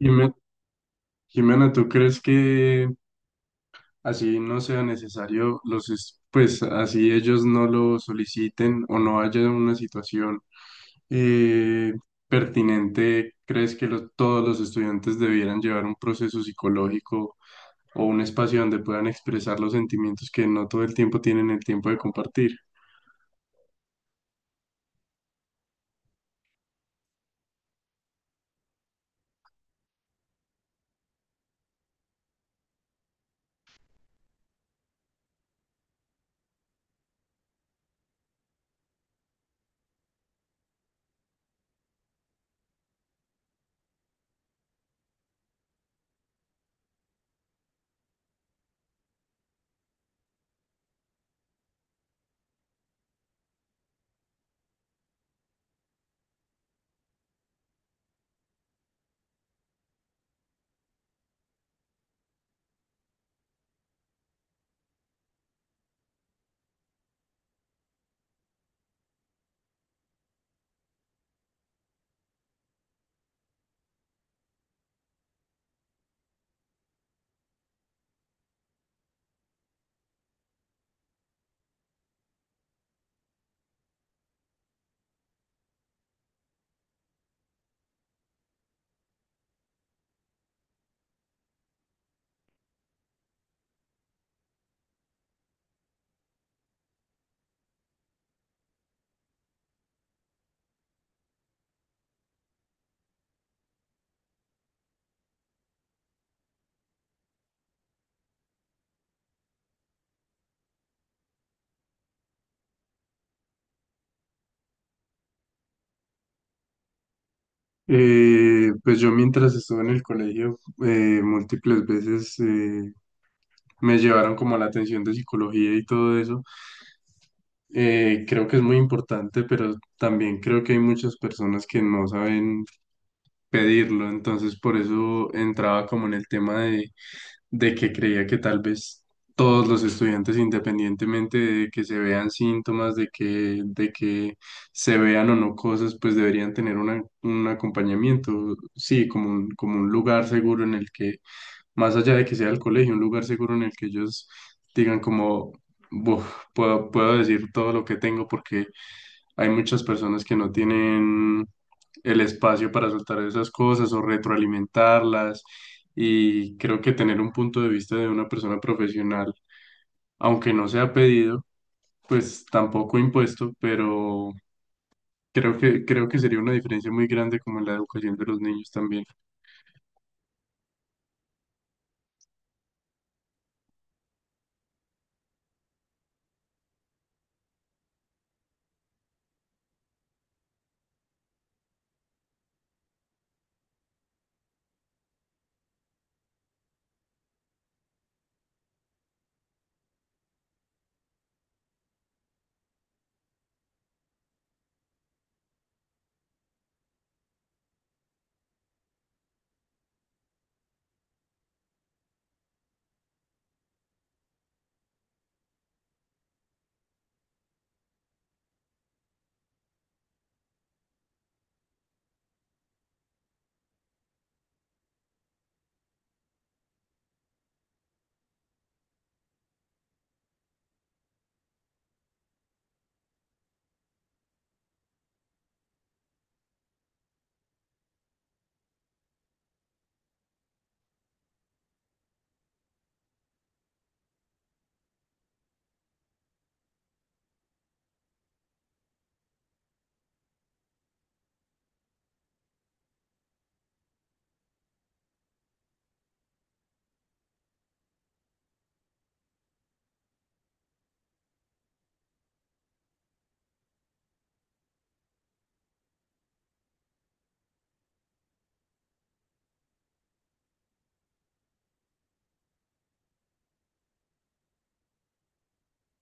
Jime- Jimena, ¿tú crees que así no sea necesario los, pues así ellos no lo soliciten o no haya una situación eh, pertinente? ¿Crees que todos los estudiantes debieran llevar un proceso psicológico o un espacio donde puedan expresar los sentimientos que no todo el tiempo tienen el tiempo de compartir? Pues yo mientras estuve en el colegio, múltiples veces, me llevaron como a la atención de psicología y todo eso. Creo que es muy importante, pero también creo que hay muchas personas que no saben pedirlo, entonces por eso entraba como en el tema de que creía que tal vez todos los estudiantes, independientemente de que se vean síntomas, de que se vean o no cosas, pues deberían tener un acompañamiento, sí, como un lugar seguro en el que más allá de que sea el colegio, un lugar seguro en el que ellos digan como, "Buf, puedo decir todo lo que tengo porque hay muchas personas que no tienen el espacio para soltar esas cosas o retroalimentarlas y creo que tener un punto de vista de una persona profesional, aunque no sea pedido, pues tampoco impuesto, pero creo que sería una diferencia muy grande como en la educación de los niños también".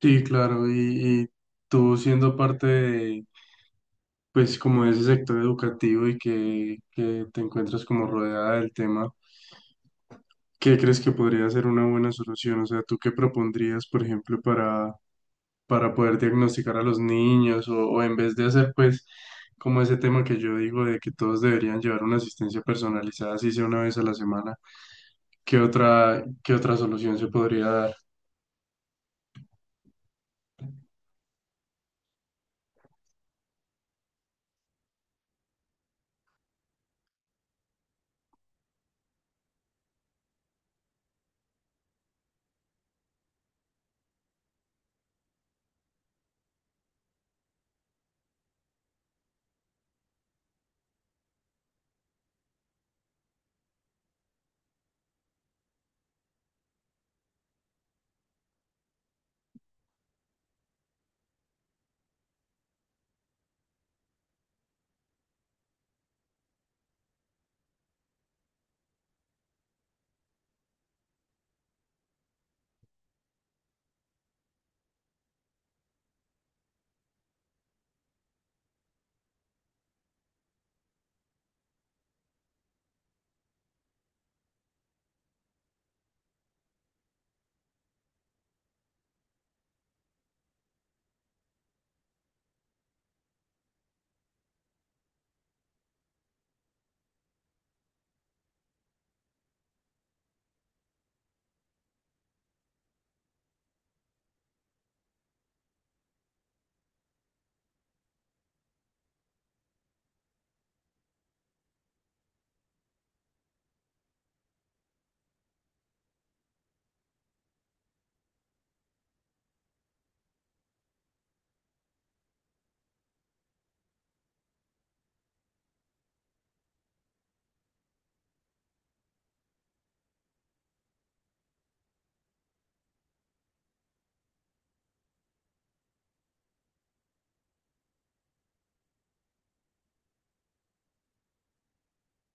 Sí, claro, y tú siendo parte de, pues, como de ese sector educativo y que te encuentras como rodeada del tema, ¿qué crees que podría ser una buena solución? O sea, ¿tú qué propondrías, por ejemplo, para poder diagnosticar a los niños o en vez de hacer, pues, como ese tema que yo digo de que todos deberían llevar una asistencia personalizada, así sea una vez a la semana, qué otra solución se podría dar?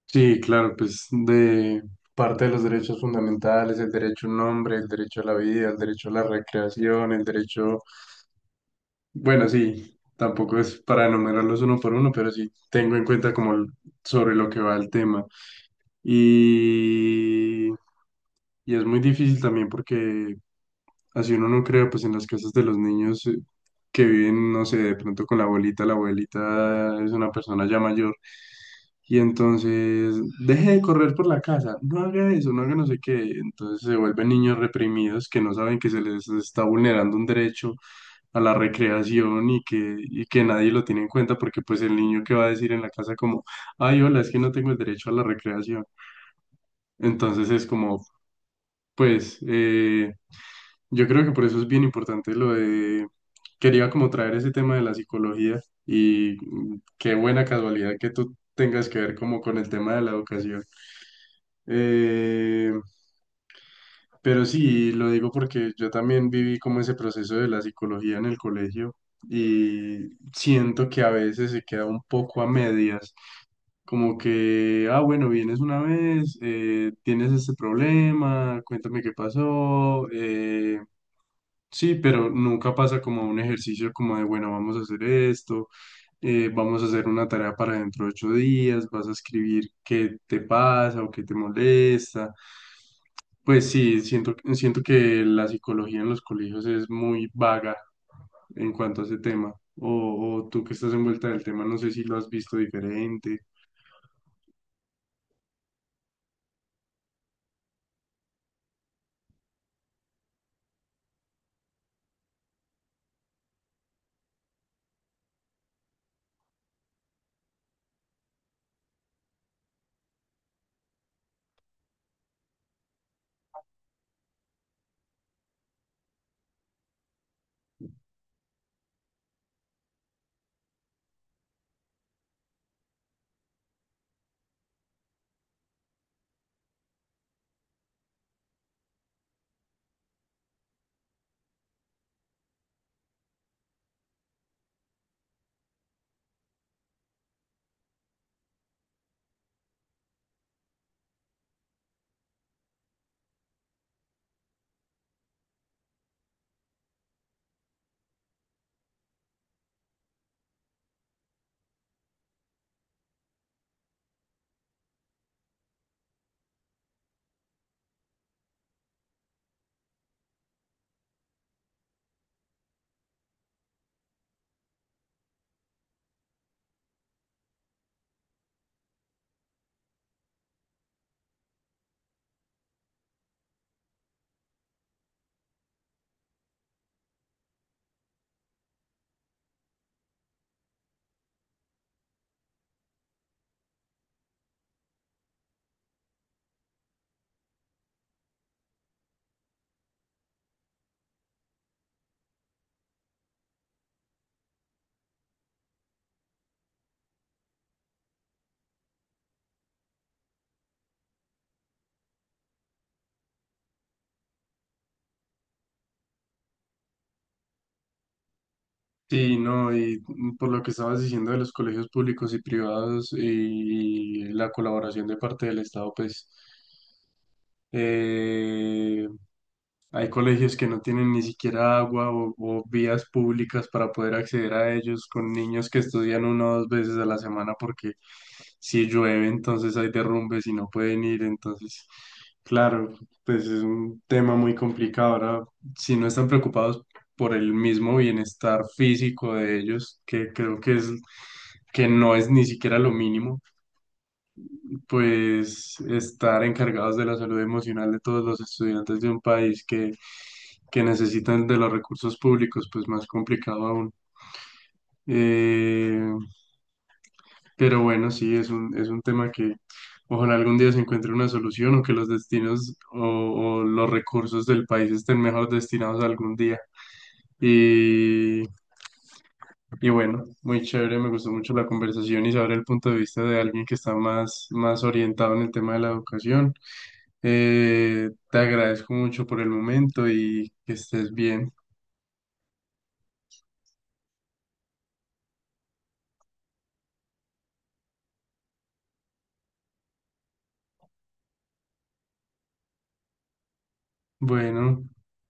Sí, claro, pues de parte de los derechos fundamentales, el derecho a un nombre, el derecho a la vida, el derecho a la recreación, el derecho bueno, sí, tampoco es para enumerarlos uno por uno, pero sí tengo en cuenta como sobre lo que va el tema. Y, y es muy difícil también porque así uno no crea, pues en las casas de los niños, que viven, no sé, de pronto con la abuelita es una persona ya mayor. Y entonces, deje de correr por la casa, no haga eso, no haga no sé qué. Entonces se vuelven niños reprimidos que no saben que se les está vulnerando un derecho a la recreación y que nadie lo tiene en cuenta porque pues el niño que va a decir en la casa como, ay, hola, es que no tengo el derecho a la recreación. Entonces es como, pues, yo creo que por eso es bien importante lo de, quería como traer ese tema de la psicología y qué buena casualidad que tú tengas que ver como con el tema de la educación. Eh, pero sí, lo digo porque yo también viví como ese proceso de la psicología en el colegio y siento que a veces se queda un poco a medias, como que, ah, bueno, vienes una vez, tienes este problema, cuéntame qué pasó, sí, pero nunca pasa como un ejercicio como de, bueno, vamos a hacer esto, vamos a hacer una tarea para dentro de 8 días, vas a escribir qué te pasa o qué te molesta. Pues sí, siento que la psicología en los colegios es muy vaga en cuanto a ese tema. O tú que estás envuelta del tema, no sé si lo has visto diferente. Sí, no, y por lo que estabas diciendo de los colegios públicos y privados y la colaboración de parte del Estado, pues, eh, hay colegios que no tienen ni siquiera agua o vías públicas para poder acceder a ellos, con niños que estudian una o dos veces a la semana porque si llueve entonces hay derrumbes y no pueden ir, entonces, claro, pues es un tema muy complicado. Ahora, si no están preocupados por el mismo bienestar físico de ellos, que creo que es que no es ni siquiera lo mínimo, pues estar encargados de la salud emocional de todos los estudiantes de un país que necesitan de los recursos públicos, pues más complicado aún. Eh, pero bueno, sí, es un tema que ojalá algún día se encuentre una solución o que los destinos o los recursos del país estén mejor destinados algún día. Y bueno, muy chévere, me gustó mucho la conversación y saber el punto de vista de alguien que está más, más orientado en el tema de la educación. Te agradezco mucho por el momento y que estés bien. Bueno,